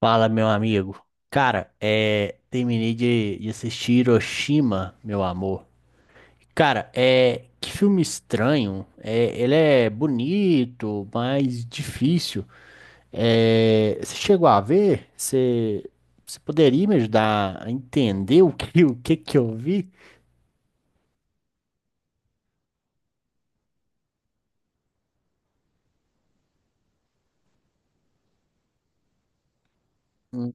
Fala, meu amigo. Cara, terminei de assistir Hiroshima, meu amor. Cara, que filme estranho. Ele é bonito, mas difícil. Você chegou a ver? Você poderia me ajudar a entender o que eu vi? Hum.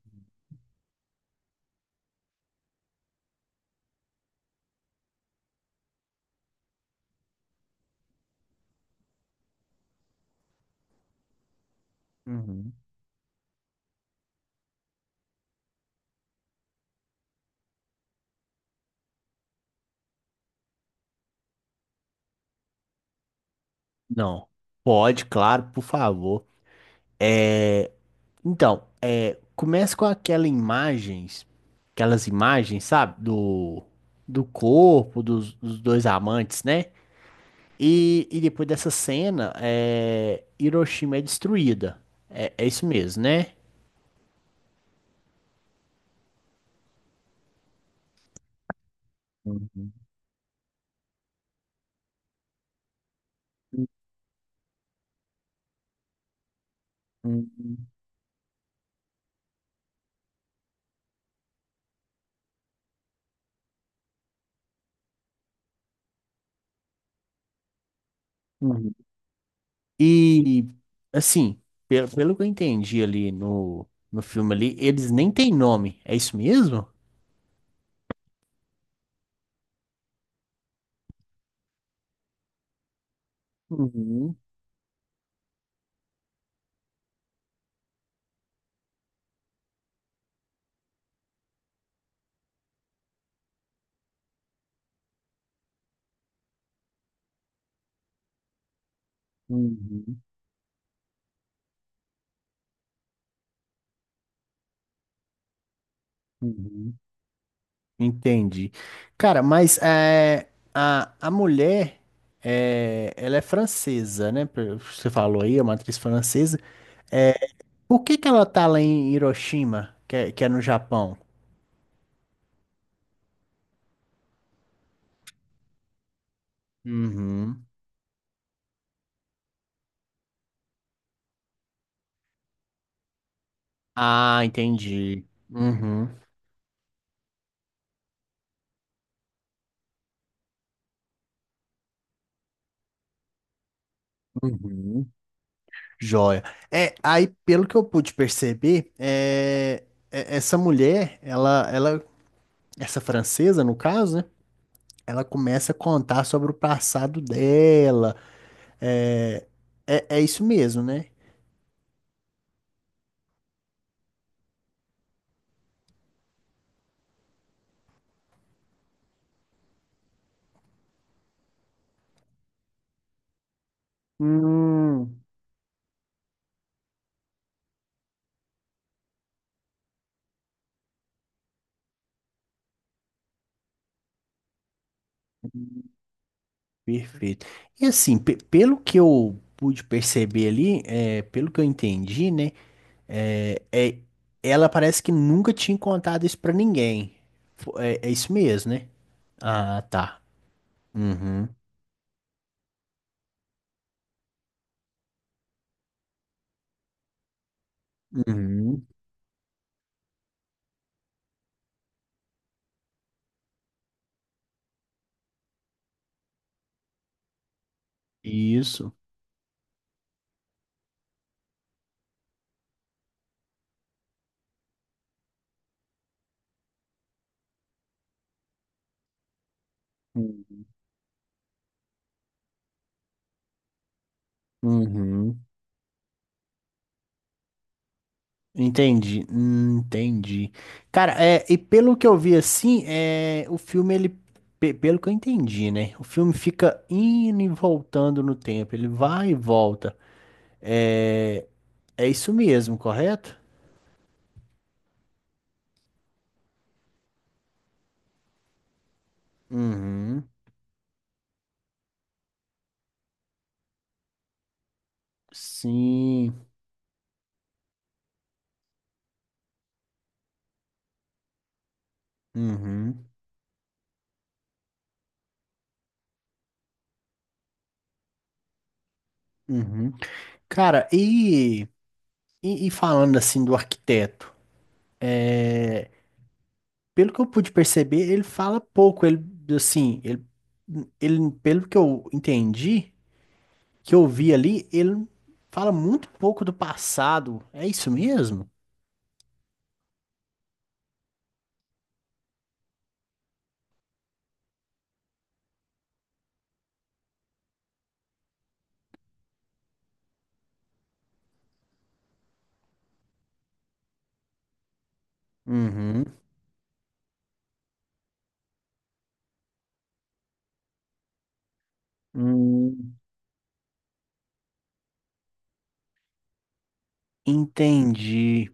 Uhum. Não. Pode, claro, por favor. É, então. Começa com aquela imagens, aquelas imagens, sabe? Do corpo dos dois amantes, né? E depois dessa cena, é, Hiroshima é destruída. É, é isso mesmo, né? Uhum, uhum, uhum. E, assim, pelo que eu entendi ali no filme ali, eles nem têm nome. É isso mesmo? Uhum, uhum, uhum. Entendi. Cara, mas é, a mulher, é, ela é francesa, né? Pelo que você falou aí, é uma atriz francesa. É, por que ela tá lá em Hiroshima, que é no Japão? Uhum. Ah, entendi. Uhum. Uhum. Joia. É, aí, pelo que eu pude perceber, é, essa mulher, essa francesa, no caso, né? Ela começa a contar sobre o passado dela. É, é isso mesmo, né? Hum. Perfeito. E assim, pelo que eu pude perceber ali, é, pelo que eu entendi, né? É, é- ela parece que nunca tinha contado isso pra ninguém. É, é isso mesmo, né? Ah, tá. Uhum, uhum. Isso. Uhum, uhum. Entendi, entendi. Cara, é, e pelo que eu vi assim, é, o filme, ele, pelo que eu entendi, né? O filme fica indo e voltando no tempo, ele vai e volta. É, é isso mesmo, correto? Uhum, sim, uhum, uhum. Cara, e falando assim do arquiteto, pelo que eu pude perceber, ele fala pouco, ele, assim, ele, pelo que eu entendi. Que eu vi ali, ele fala muito pouco do passado. É isso mesmo? Uhum. Hum. Entendi.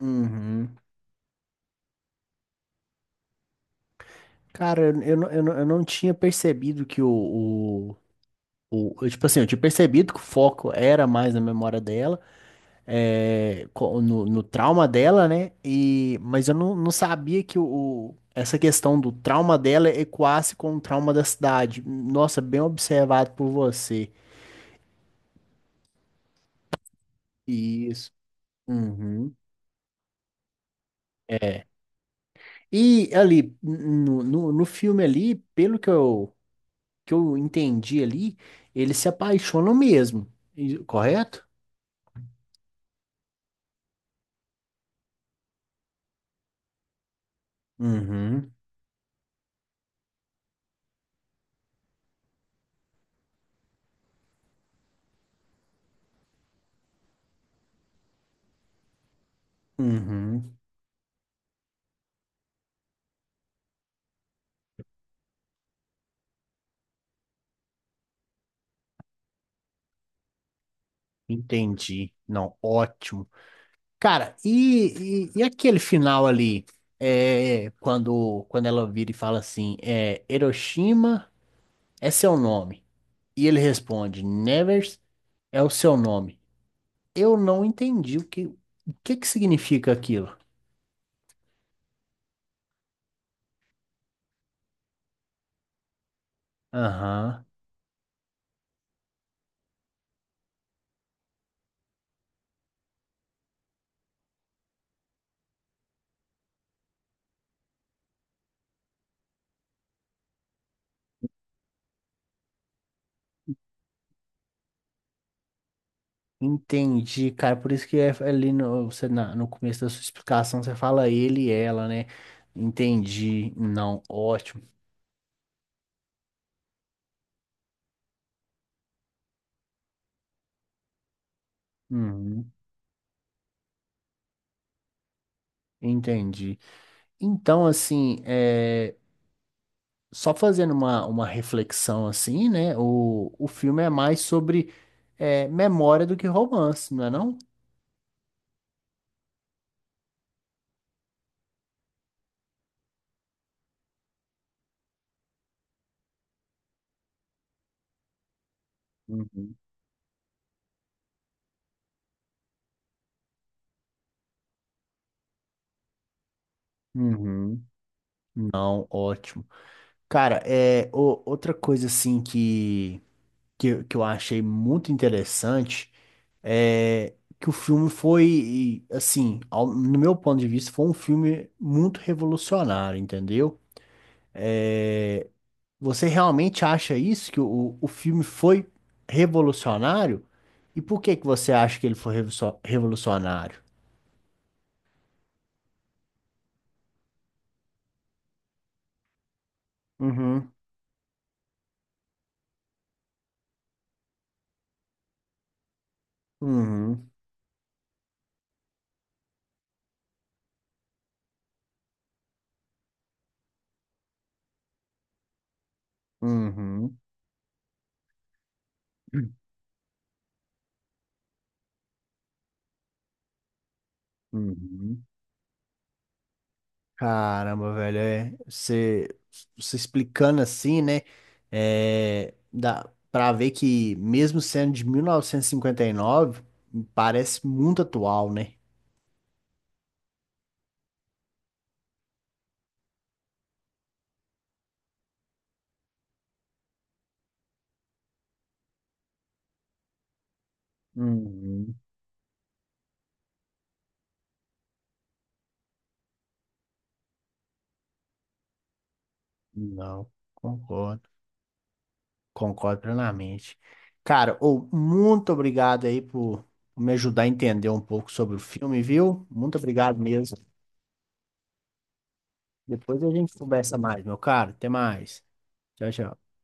Uhum. Cara, eu não eu não tinha percebido que o, tipo assim, eu tinha percebido que o foco era mais na memória dela, é, no, no trauma dela, né? E, mas eu não, não sabia que o, essa questão do trauma dela equasse com o trauma da cidade. Nossa, bem observado por você. Isso. Uhum. É. E ali, no filme ali, que eu entendi ali, eles se apaixonam mesmo, correto? Uhum, uhum. Entendi. Não, ótimo. Cara, e aquele final ali, é, quando ela vira e fala assim, é, Hiroshima é seu nome. E ele responde, Nevers é o seu nome. Eu não entendi o que significa aquilo. Aham. Entendi, cara. Por isso que é ali no, você, no começo da sua explicação você fala ele e ela, né? Entendi. Não, ótimo. Uhum, entendi. Então, assim, é, só fazendo uma reflexão assim, né? O filme é mais sobre é, memória do que romance, não é não? Uhum. Uhum. Não, ótimo. Cara, é, outra coisa assim que, que eu achei muito interessante. É, que o filme foi, assim, no meu ponto de vista, foi um filme muito revolucionário, entendeu? É, você realmente acha isso, que o filme foi revolucionário? E por que que você acha que ele foi revolucionário? Uhum, uhum, uhum, uhum. Caramba, velho, é, você explicando assim, né, é, dá pra ver que mesmo sendo de 1959, parece muito atual, né? Uhum. Não, concordo, concordo plenamente. Cara, ô, muito obrigado aí por me ajudar a entender um pouco sobre o filme, viu? Muito obrigado mesmo. Depois a gente conversa mais, meu caro. Até mais. Tchau, tchau.